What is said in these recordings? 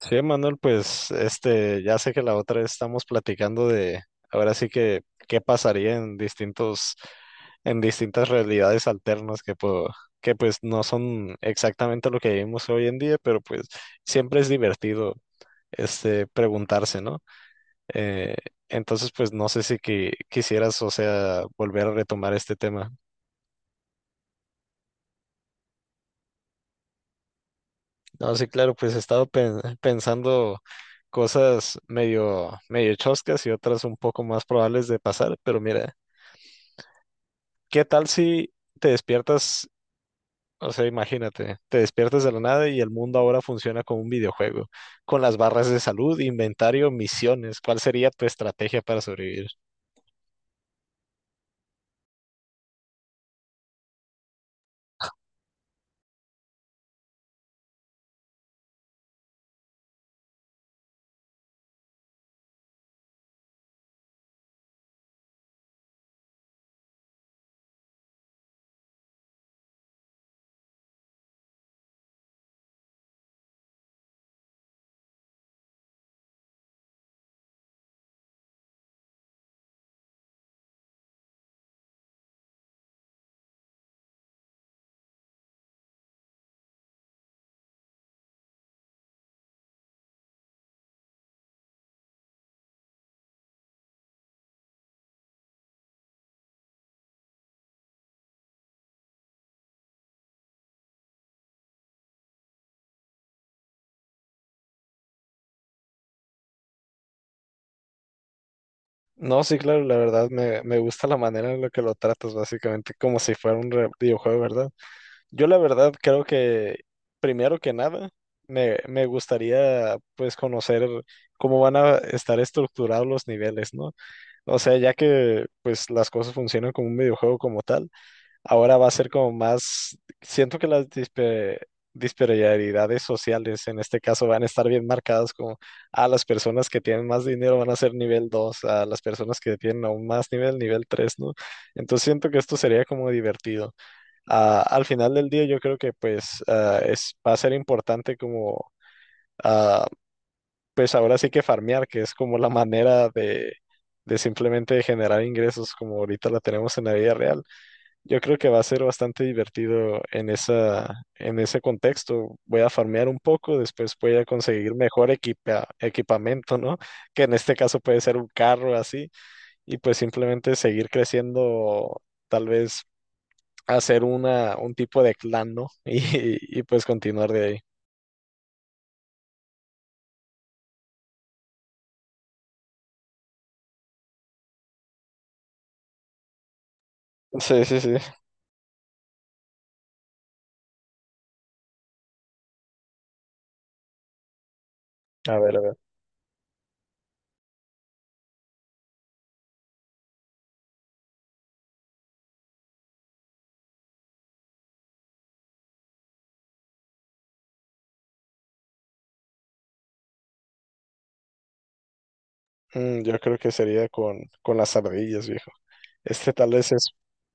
Sí, Manuel, pues ya sé que la otra vez estamos platicando de, ahora sí que, qué pasaría en distintos, en distintas realidades alternas que, que pues no son exactamente lo que vivimos hoy en día, pero pues siempre es divertido preguntarse, ¿no? Eh, entonces, pues no sé si quisieras, o sea, volver a retomar este tema. No, sí, claro, pues he estado pensando cosas medio choscas y otras un poco más probables de pasar, pero mira, ¿qué tal si te despiertas, o sea, imagínate, te despiertas de la nada y el mundo ahora funciona como un videojuego, con las barras de salud, inventario, misiones? ¿Cuál sería tu estrategia para sobrevivir? No, sí, claro, la verdad me gusta la manera en la que lo tratas, básicamente, como si fuera un videojuego, ¿verdad? Yo la verdad creo que primero que nada me gustaría pues conocer cómo van a estar estructurados los niveles, ¿no? O sea, ya que pues las cosas funcionan como un videojuego como tal, ahora va a ser como más, siento que las disparidades sociales en este caso van a estar bien marcadas, como a las personas que tienen más dinero van a ser nivel 2, a las personas que tienen aún más nivel, nivel 3, ¿no? Entonces siento que esto sería como divertido. Al final del día yo creo que pues va a ser importante como ah, pues ahora sí que farmear, que es como la manera de simplemente generar ingresos como ahorita la tenemos en la vida real. Yo creo que va a ser bastante divertido en en ese contexto. Voy a farmear un poco, después voy a conseguir mejor equipamiento, ¿no? Que en este caso puede ser un carro así, y pues simplemente seguir creciendo. Tal vez hacer un tipo de clan, ¿no? Y pues continuar de ahí. Sí, sí, sí. A ver, a ver. Mm, yo creo que sería con las ardillas, viejo. Este tal vez es,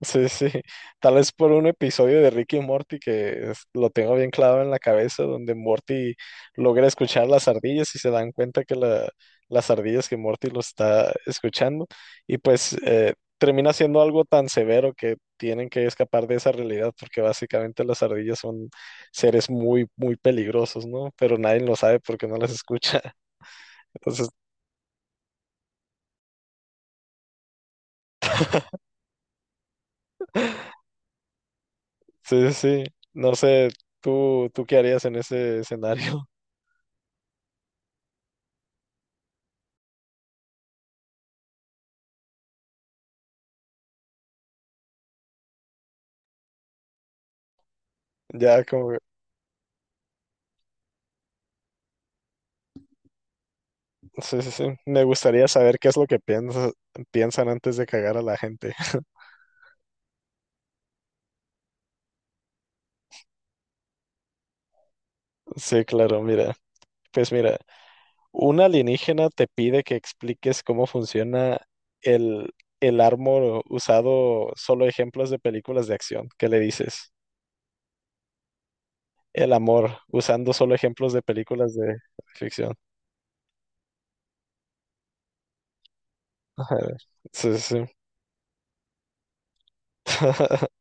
sí, sí, tal vez por un episodio de Ricky y Morty lo tengo bien clavado en la cabeza, donde Morty logra escuchar las ardillas y se dan cuenta las ardillas, que Morty lo está escuchando, y pues termina siendo algo tan severo que tienen que escapar de esa realidad, porque básicamente las ardillas son seres muy peligrosos, ¿no? Pero nadie lo sabe porque no las escucha. Entonces, sí, sí, sí. No sé, tú qué harías en ese escenario? Ya, sí, sí, sí. Me gustaría saber qué es lo que piensan antes de cagar a la gente. Sí, claro, mira. Pues mira, un alienígena te pide que expliques cómo funciona el, el amor usado solo ejemplos de películas de acción. ¿Qué le dices? El amor usando solo ejemplos de películas de ficción. Sí, sí.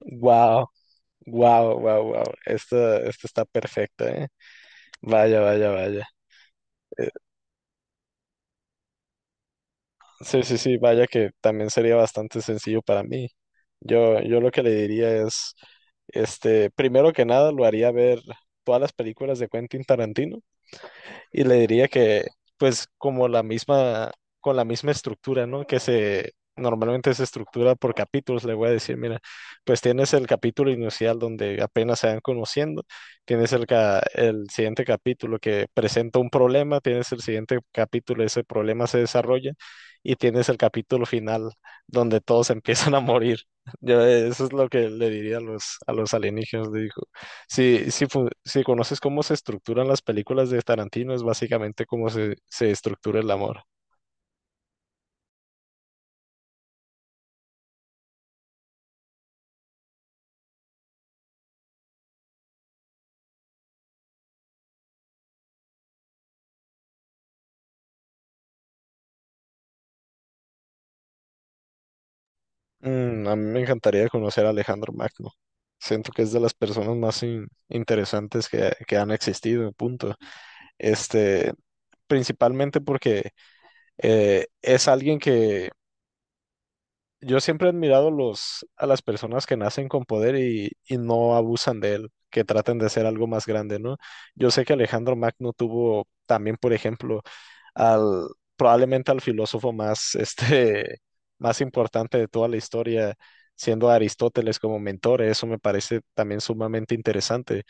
Wow, wow, wow, wow. Esta está perfecta, ¿eh? Vaya, vaya, vaya. Sí, sí, sí, vaya que también sería bastante sencillo para mí. Yo lo que le diría es, primero que nada, lo haría ver todas las películas de Quentin Tarantino y le diría pues, con la misma estructura, ¿no? Normalmente se estructura por capítulos. Le voy a decir, mira, pues tienes el capítulo inicial donde apenas se van conociendo, tienes el siguiente capítulo que presenta un problema, tienes el siguiente capítulo, ese problema se desarrolla, y tienes el capítulo final donde todos empiezan a morir. Eso es lo que le diría a a los alienígenas, le digo. Si conoces cómo se estructuran las películas de Tarantino, es básicamente cómo se estructura el amor. Mm, a mí me encantaría conocer a Alejandro Magno. Siento que es de las personas más interesantes que han existido, punto. Este, Principalmente porque es alguien que yo siempre he admirado a las personas que nacen con poder y no abusan de él, que traten de ser algo más grande, ¿no? Yo sé que Alejandro Magno tuvo también, por ejemplo, al probablemente al filósofo más, más importante de toda la historia, siendo a Aristóteles como mentor. Eso me parece también sumamente interesante.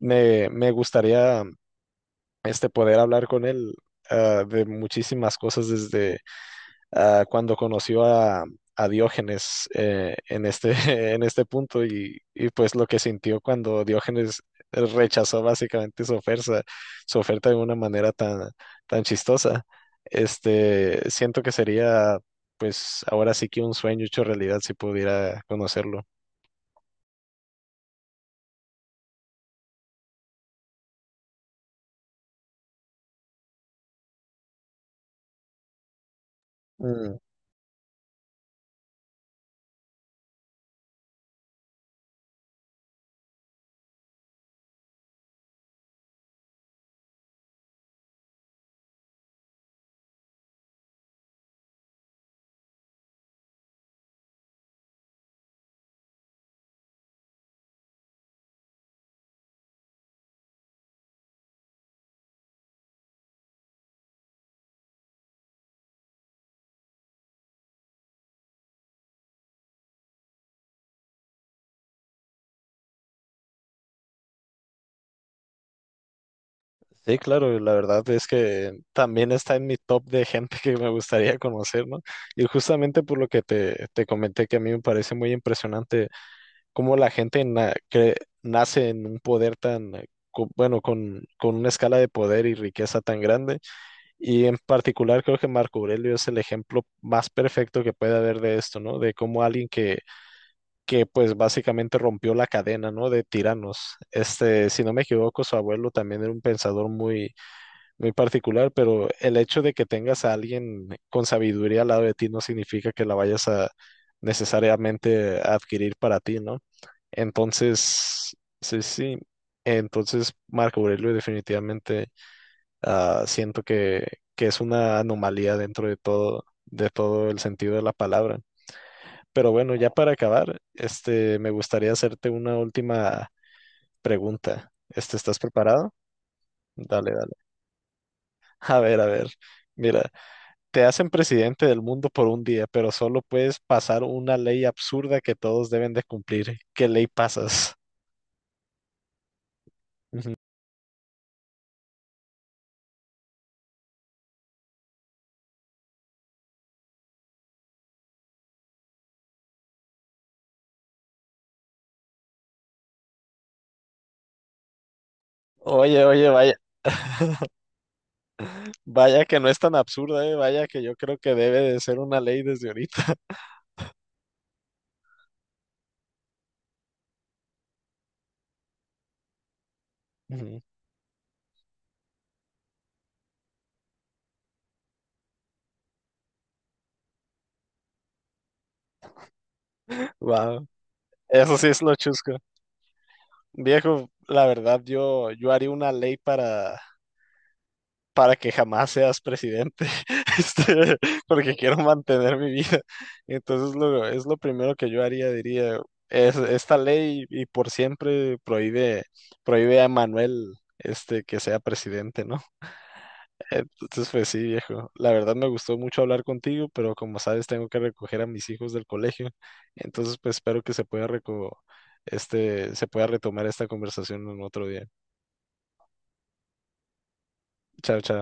Me gustaría poder hablar con él de muchísimas cosas desde cuando conoció a Diógenes en este punto y pues lo que sintió cuando Diógenes rechazó básicamente su oferta de una manera tan, tan chistosa. Siento que sería pues ahora sí que un sueño hecho realidad si pudiera conocerlo. Mm, sí, claro, la verdad es que también está en mi top de gente que me gustaría conocer, ¿no? Y justamente por lo que te comenté que a mí me parece muy impresionante cómo la gente que nace en un poder tan, bueno, con una escala de poder y riqueza tan grande. Y en particular creo que Marco Aurelio es el ejemplo más perfecto que puede haber de esto, ¿no? De cómo alguien que pues básicamente rompió la cadena, ¿no? De tiranos. Si no me equivoco, su abuelo también era un pensador muy particular, pero el hecho de que tengas a alguien con sabiduría al lado de ti no significa que la vayas a necesariamente a adquirir para ti, ¿no? Entonces, sí, sí. Entonces, Marco Aurelio definitivamente siento que es una anomalía dentro de todo el sentido de la palabra. Pero bueno, ya para acabar, me gustaría hacerte una última pregunta. ¿Estás preparado? Dale, dale. A ver, a ver. Mira. Te hacen presidente del mundo por un día, pero solo puedes pasar una ley absurda que todos deben de cumplir. ¿Qué ley pasas? Ujú. Oye, oye, vaya, vaya que no es tan absurda, eh. Vaya que yo creo que debe de ser una ley desde ahorita. Ujú. Wow, eso sí es lo chusco. Viejo, la verdad yo haría una ley para que jamás seas presidente, este, porque quiero mantener mi vida. Es lo primero que yo haría. Esta ley y por siempre prohíbe, prohíbe a Manuel que sea presidente, ¿no? Entonces pues sí, viejo, la verdad me gustó mucho hablar contigo, pero como sabes tengo que recoger a mis hijos del colegio, entonces pues espero que se pueda se pueda retomar esta conversación en otro día. Chao, chao.